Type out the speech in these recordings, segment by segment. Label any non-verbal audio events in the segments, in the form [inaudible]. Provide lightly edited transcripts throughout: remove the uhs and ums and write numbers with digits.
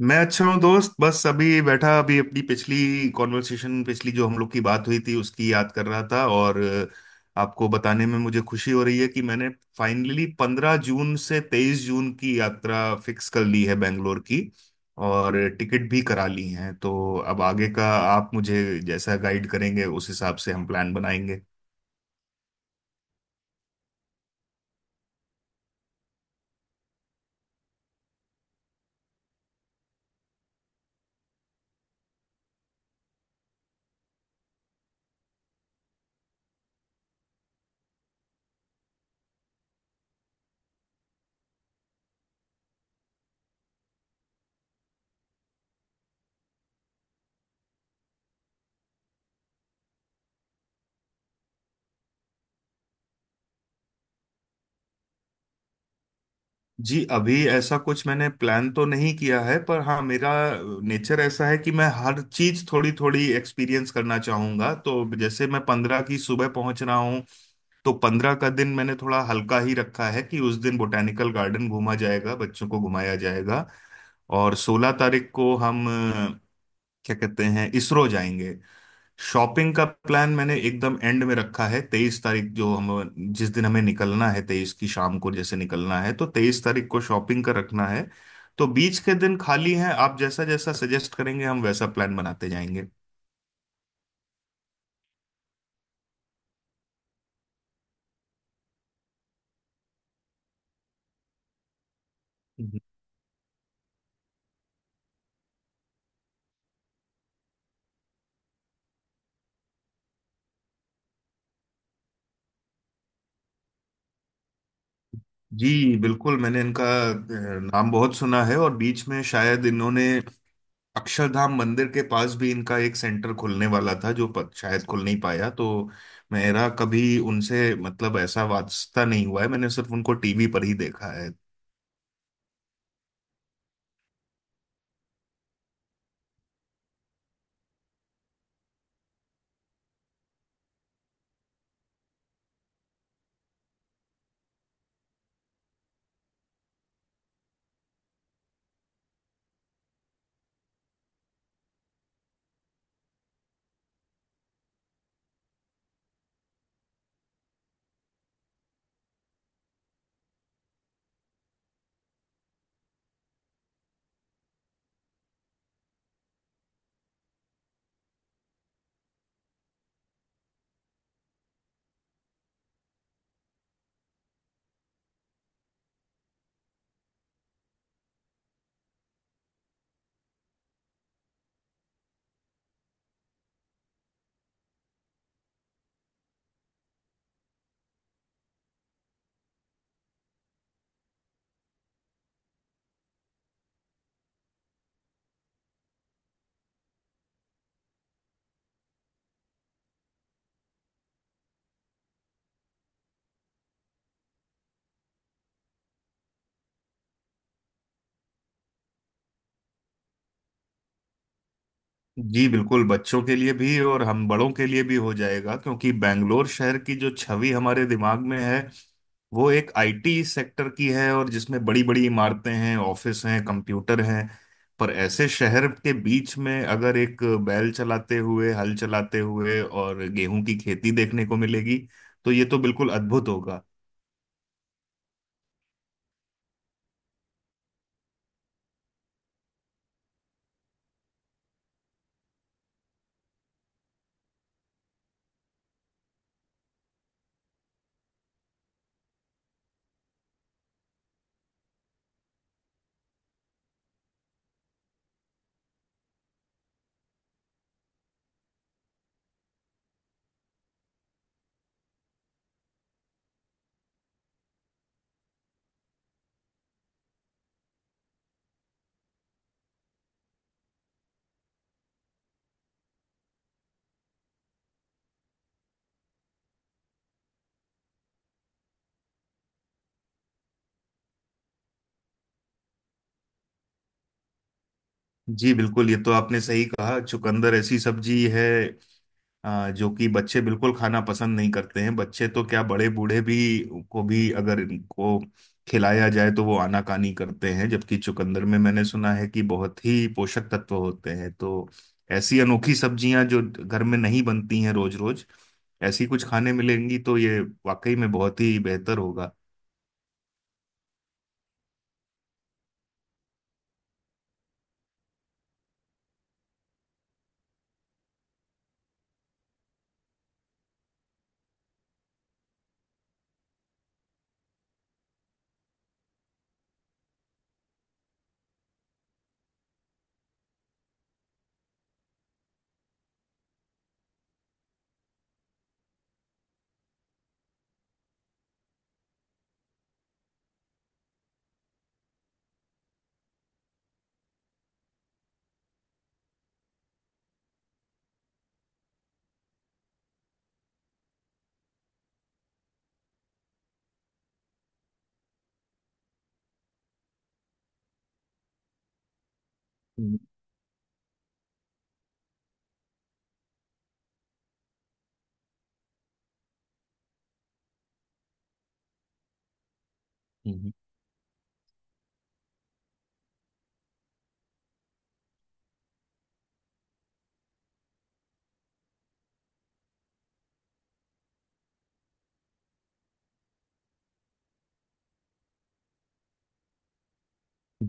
मैं अच्छा हूँ दोस्त। बस अभी बैठा, अभी अपनी पिछली कॉन्वर्सेशन पिछली जो हम लोग की बात हुई थी उसकी याद कर रहा था। और आपको बताने में मुझे खुशी हो रही है कि मैंने फाइनली 15 जून से 23 जून की यात्रा फिक्स कर ली है बेंगलोर की। और टिकट भी करा ली है। तो अब आगे का आप मुझे जैसा गाइड करेंगे उस हिसाब से हम प्लान बनाएंगे। जी, अभी ऐसा कुछ मैंने प्लान तो नहीं किया है, पर हाँ मेरा नेचर ऐसा है कि मैं हर चीज थोड़ी थोड़ी एक्सपीरियंस करना चाहूंगा। तो जैसे मैं 15 की सुबह पहुंच रहा हूँ, तो 15 का दिन मैंने थोड़ा हल्का ही रखा है कि उस दिन बोटेनिकल गार्डन घूमा जाएगा, बच्चों को घुमाया जाएगा। और 16 तारीख को हम क्या कहते हैं इसरो जाएंगे। शॉपिंग का प्लान मैंने एकदम एंड में रखा है। 23 तारीख, जो हम, जिस दिन हमें निकलना है, 23 की शाम को जैसे निकलना है, तो 23 तारीख को शॉपिंग का रखना है। तो बीच के दिन खाली हैं। आप जैसा जैसा सजेस्ट करेंगे हम वैसा प्लान बनाते जाएंगे। हम्म। जी बिल्कुल, मैंने इनका अ, नाम बहुत सुना है। और बीच में शायद इन्होंने अक्षरधाम मंदिर के पास भी इनका एक सेंटर खुलने वाला था, जो शायद खुल नहीं पाया। तो मेरा कभी उनसे, मतलब, ऐसा वास्ता नहीं हुआ है। मैंने सिर्फ उनको टीवी पर ही देखा है। जी बिल्कुल, बच्चों के लिए भी और हम बड़ों के लिए भी हो जाएगा, क्योंकि बेंगलोर शहर की जो छवि हमारे दिमाग में है वो एक आईटी सेक्टर की है, और जिसमें बड़ी बड़ी इमारतें हैं, ऑफिस हैं, कंप्यूटर हैं। पर ऐसे शहर के बीच में अगर एक बैल चलाते हुए, हल चलाते हुए और गेहूं की खेती देखने को मिलेगी, तो ये तो बिल्कुल अद्भुत होगा। जी बिल्कुल, ये तो आपने सही कहा। चुकंदर ऐसी सब्जी है जो कि बच्चे बिल्कुल खाना पसंद नहीं करते हैं। बच्चे तो क्या, बड़े बूढ़े भी को भी अगर इनको खिलाया जाए तो वो आनाकानी करते हैं, जबकि चुकंदर में मैंने सुना है कि बहुत ही पोषक तत्व होते हैं। तो ऐसी अनोखी सब्जियां जो घर में नहीं बनती हैं रोज रोज, ऐसी कुछ खाने मिलेंगी तो ये वाकई में बहुत ही बेहतर होगा। हम्म।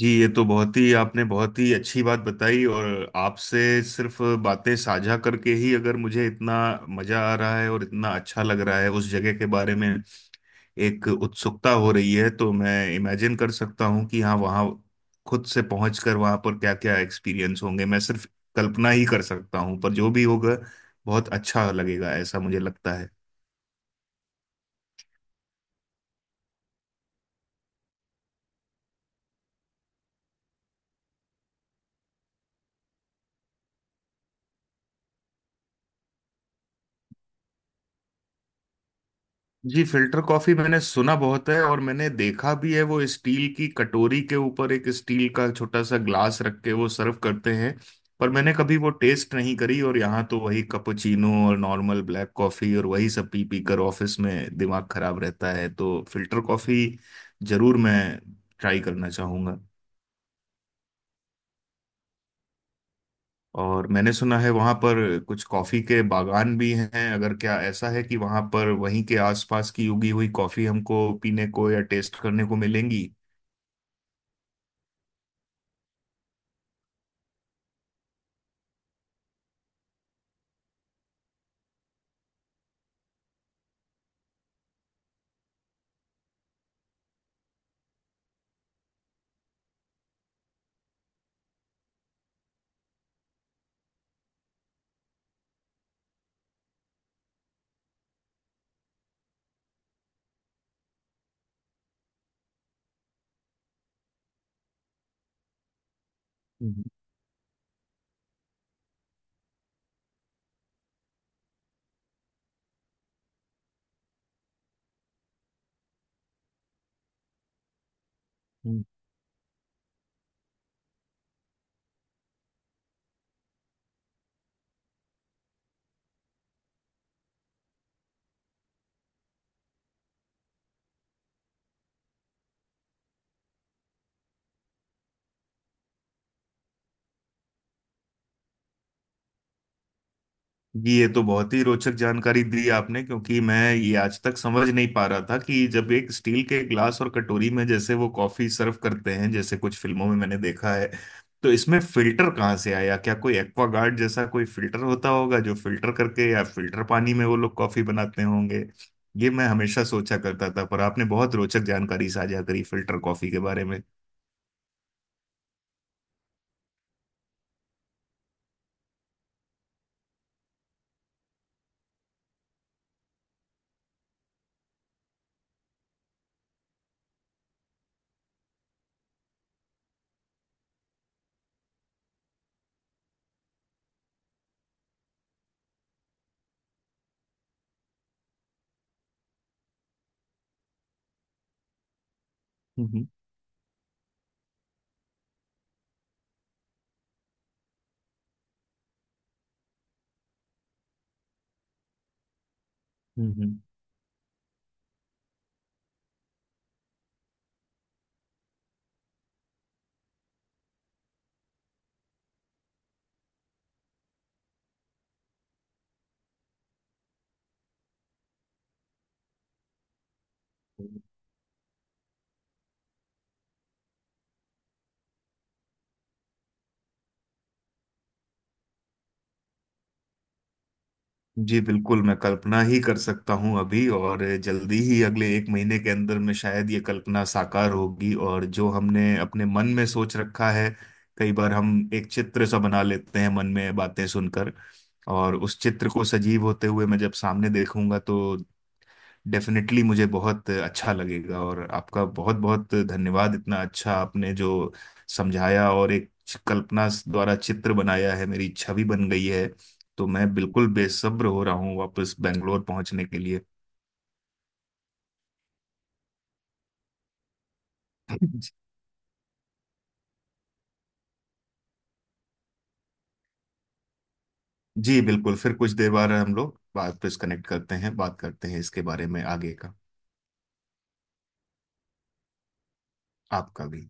जी, ये तो बहुत ही आपने बहुत ही अच्छी बात बताई। और आपसे सिर्फ बातें साझा करके ही अगर मुझे इतना मजा आ रहा है और इतना अच्छा लग रहा है, उस जगह के बारे में एक उत्सुकता हो रही है, तो मैं इमेजिन कर सकता हूँ कि हाँ, वहाँ खुद से पहुँच कर वहाँ पर क्या क्या एक्सपीरियंस होंगे मैं सिर्फ कल्पना ही कर सकता हूँ। पर जो भी होगा बहुत अच्छा लगेगा, ऐसा मुझे लगता है। जी, फिल्टर कॉफी मैंने सुना बहुत है और मैंने देखा भी है। वो स्टील की कटोरी के ऊपर एक स्टील का छोटा सा ग्लास रख के वो सर्व करते हैं। पर मैंने कभी वो टेस्ट नहीं करी, और यहाँ तो वही कैपुचिनो और नॉर्मल ब्लैक कॉफी, और वही सब पी पी कर ऑफिस में दिमाग खराब रहता है। तो फिल्टर कॉफी जरूर मैं ट्राई करना चाहूंगा। और मैंने सुना है वहाँ पर कुछ कॉफ़ी के बागान भी हैं। अगर, क्या ऐसा है कि वहाँ पर वहीं के आसपास की उगी हुई कॉफ़ी हमको पीने को या टेस्ट करने को मिलेंगी? हम्म, हम्म। ये तो बहुत ही रोचक जानकारी दी आपने, क्योंकि मैं ये आज तक समझ नहीं पा रहा था कि जब एक स्टील के ग्लास और कटोरी में जैसे वो कॉफी सर्व करते हैं, जैसे कुछ फिल्मों में मैंने देखा है, तो इसमें फिल्टर कहाँ से आया? क्या कोई एक्वागार्ड जैसा कोई फिल्टर होता होगा जो फिल्टर करके या फिल्टर पानी में वो लोग कॉफी बनाते होंगे, ये मैं हमेशा सोचा करता था। पर आपने बहुत रोचक जानकारी साझा करी फिल्टर कॉफी के बारे में। हम्म, हम्म। जी बिल्कुल, मैं कल्पना ही कर सकता हूँ अभी। और जल्दी ही अगले 1 महीने के अंदर में शायद ये कल्पना साकार होगी। और जो हमने अपने मन में सोच रखा है, कई बार हम एक चित्र सा बना लेते हैं मन में बातें सुनकर, और उस चित्र को सजीव होते हुए मैं जब सामने देखूंगा तो डेफिनेटली मुझे बहुत अच्छा लगेगा। और आपका बहुत बहुत धन्यवाद। इतना अच्छा आपने जो समझाया और एक कल्पना द्वारा चित्र बनाया है, मेरी छवि बन गई है। तो मैं बिल्कुल बेसब्र हो रहा हूँ वापस बेंगलोर पहुंचने के लिए। [clears throat] जी बिल्कुल, फिर कुछ देर बाद हम लोग वापस कनेक्ट करते हैं, बात करते हैं इसके बारे में आगे का। आपका भी।